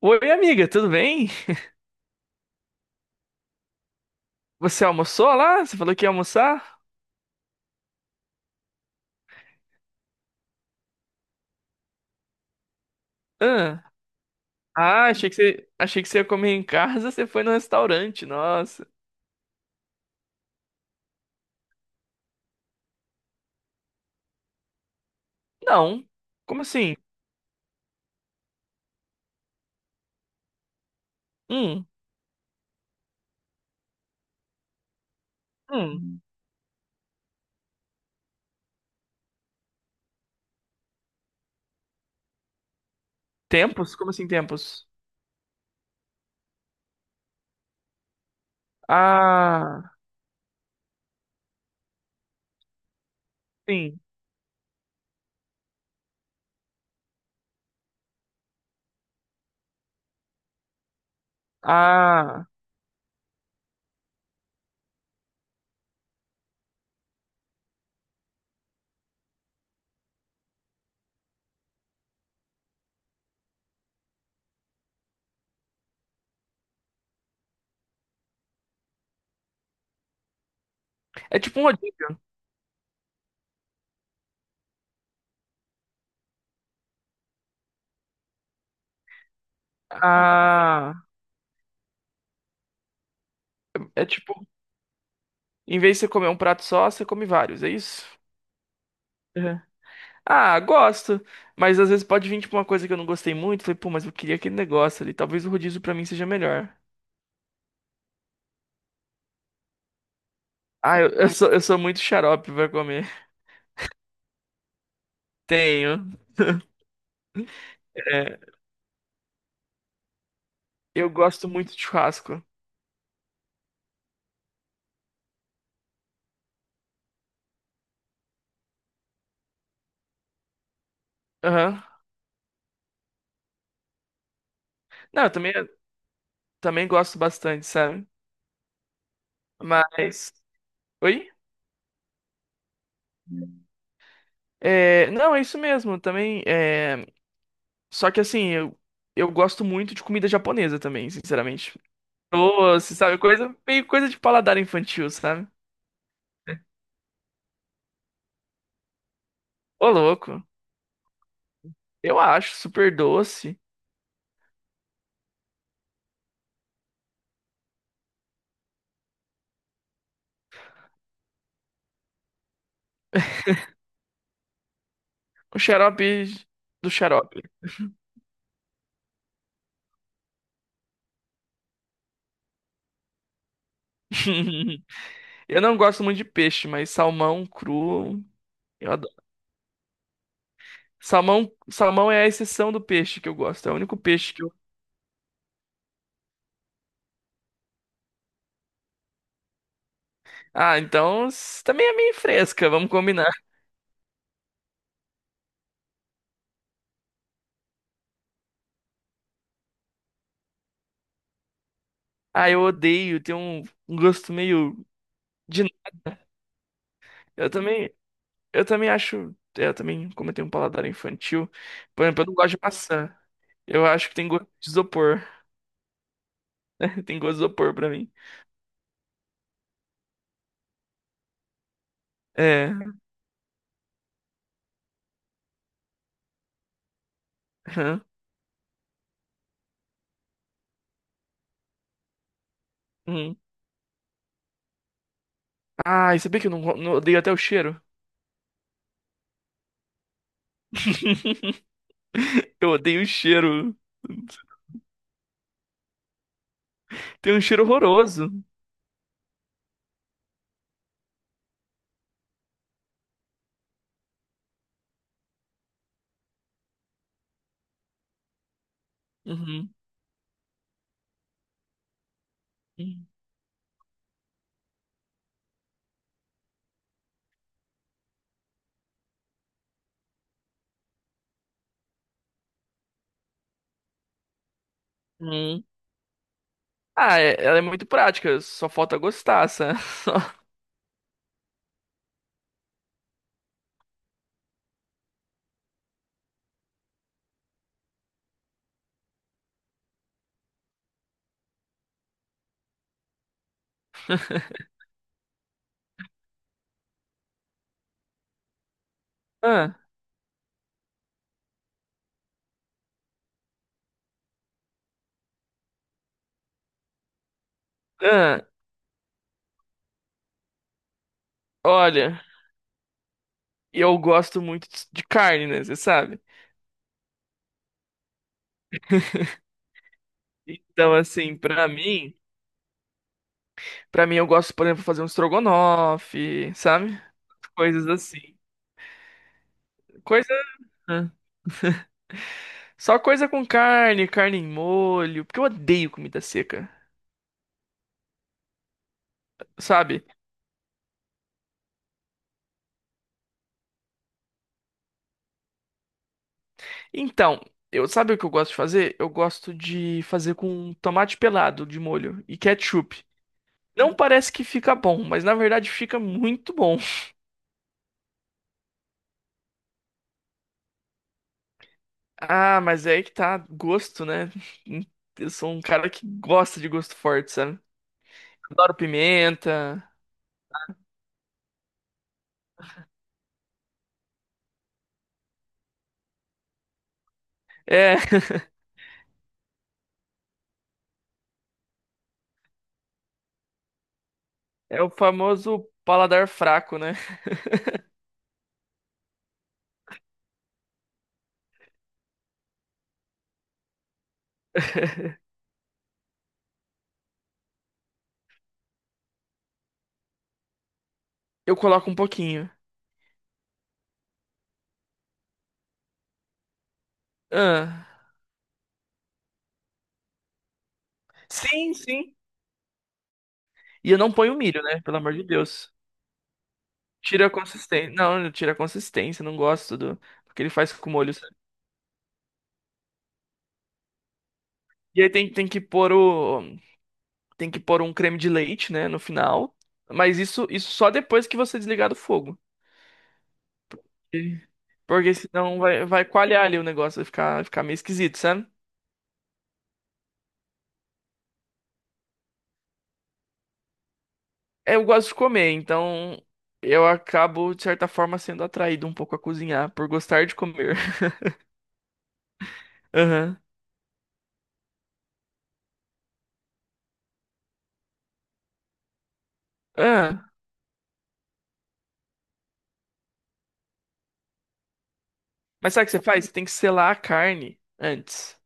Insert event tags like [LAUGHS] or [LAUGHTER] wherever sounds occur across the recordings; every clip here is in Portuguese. Oi, amiga, tudo bem? Você almoçou lá? Você falou que ia almoçar? Ah, ah, achei que você ia comer em casa, você foi no restaurante, nossa. Não. Como assim? Hum, hum. Tempos? Como assim tempos? Ah, sim. Ah. É tipo um rodízio. Ah. É tipo, em vez de você comer um prato só, você come vários, é isso? Uhum. Ah, gosto. Mas às vezes pode vir tipo uma coisa que eu não gostei muito. Falei, pô, mas eu queria aquele negócio ali. Talvez o rodízio pra mim seja melhor. Ah, eu sou muito xarope pra comer. Tenho. É, eu gosto muito de churrasco. Aham. Não, eu também, também gosto bastante, sabe? Mas. Oi? É, não, é isso mesmo, também. Só que assim, eu gosto muito de comida japonesa também, sinceramente. Doce, sabe? Coisa, meio coisa de paladar infantil, sabe? Ô, louco. Eu acho super doce. O xarope do xarope. [LAUGHS] Eu não gosto muito de peixe, mas salmão cru, eu. Salmão, salmão é a exceção do peixe que eu gosto. É o único peixe que eu. Ah, então s- também é meio fresca, vamos combinar. Ah, eu odeio, tem um, um gosto meio de. Eu também, eu também acho. Eu também, como eu tenho um paladar infantil, por exemplo, eu não gosto de maçã. Eu acho que tem gosto de isopor. [LAUGHS] Tem gosto de isopor pra mim. É. Aham, uhum. Ah, e sabia que eu não, não odeio até o cheiro? [LAUGHS] Eu odeio o cheiro. Tem um cheiro horroroso. Uhum. Uhum. Ah, é- ela é muito prática, só falta gostar, sabe? [LAUGHS] Ah, ah, olha, eu gosto muito de carne, né? Você sabe? Então, assim, pra mim eu gosto, por exemplo, de fazer um estrogonofe, sabe? Coisas assim. Coisa. Ah, só coisa com carne, carne em molho, porque eu odeio comida seca, sabe? Então, eu sabe o que eu gosto de fazer? Eu gosto de fazer com tomate pelado de molho e ketchup. Não parece que fica bom, mas na verdade fica muito bom. Ah, mas é aí que tá, gosto, né? Eu sou um cara que gosta de gosto forte, sabe? Adoro pimenta. É, [LAUGHS] é o famoso paladar fraco, né? Eu coloco um pouquinho. Ah, sim, sim. E eu não ponho milho, né? Pelo amor de Deus. Tira a consistência. Não, tira a consistência, não gosto do, do que ele faz com o molho, sabe? E aí tem, tem que pôr um creme de leite, né, no final. Mas isso só depois que você desligar do fogo. E- porque senão vai, vai coalhar ali o negócio, vai ficar meio esquisito, sabe? É, eu gosto de comer, então eu acabo, de certa forma, sendo atraído um pouco a cozinhar, por gostar de comer. [LAUGHS] Aham. Ah, mas sabe o que você faz? Você tem que selar a carne antes.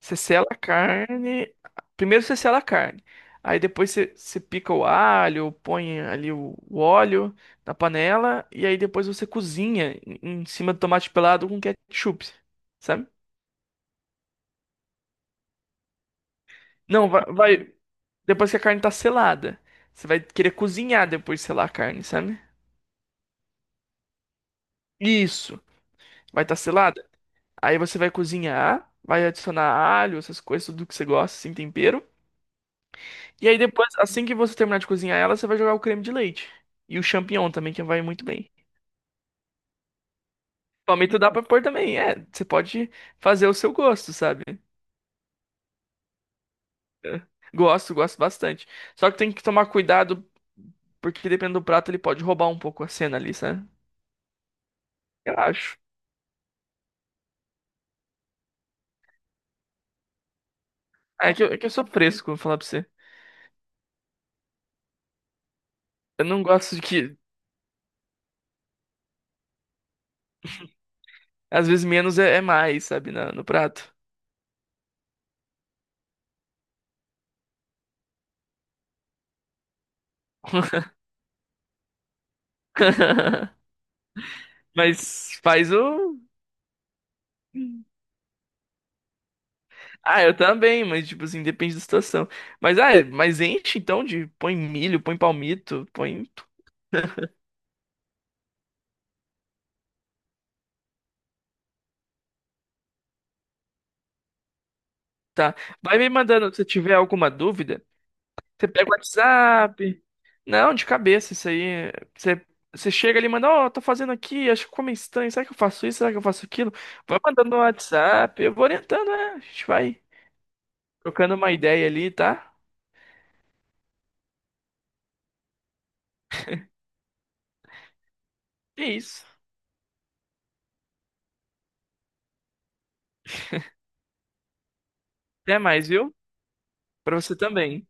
Você sela a carne. Primeiro você sela a carne. Aí depois você, você pica o alho, põe ali o óleo na panela. E aí depois você cozinha em, em cima do tomate pelado com ketchup. Sabe? Não, depois que a carne tá selada. Você vai querer cozinhar depois de selar a carne, sabe? Isso. Vai estar tá selada. Aí você vai cozinhar. Vai adicionar alho, essas coisas, tudo que você gosta, assim, tempero. E aí depois, assim que você terminar de cozinhar ela, você vai jogar o creme de leite. E o champignon também, que vai muito bem. Palmito dá pra pôr também, é. Você pode fazer o seu gosto, sabe? É. Gosto, gosto bastante. Só que tem que tomar cuidado, porque dependendo do prato, ele pode roubar um pouco a cena ali, sabe? Eu acho. Ah, é que eu, é que eu sou fresco, vou falar pra você. Eu não gosto de que, às vezes, menos é mais, sabe, no prato. [LAUGHS] Mas faz o. Ah, eu também, mas tipo assim, depende da situação. Mas ah, é, mas enche então de põe milho, põe palmito, põe tá. Vai me mandando se tiver alguma dúvida. Você pega o WhatsApp. Não, de cabeça isso aí. Você você chega ali e manda, ó, tô fazendo aqui, acho que ficou meio estranho. Será que eu faço isso? Será que eu faço aquilo? Vai mandando no WhatsApp, eu vou orientando, né? A gente vai trocando uma ideia ali, tá? É isso. Até mais, viu? Pra você também.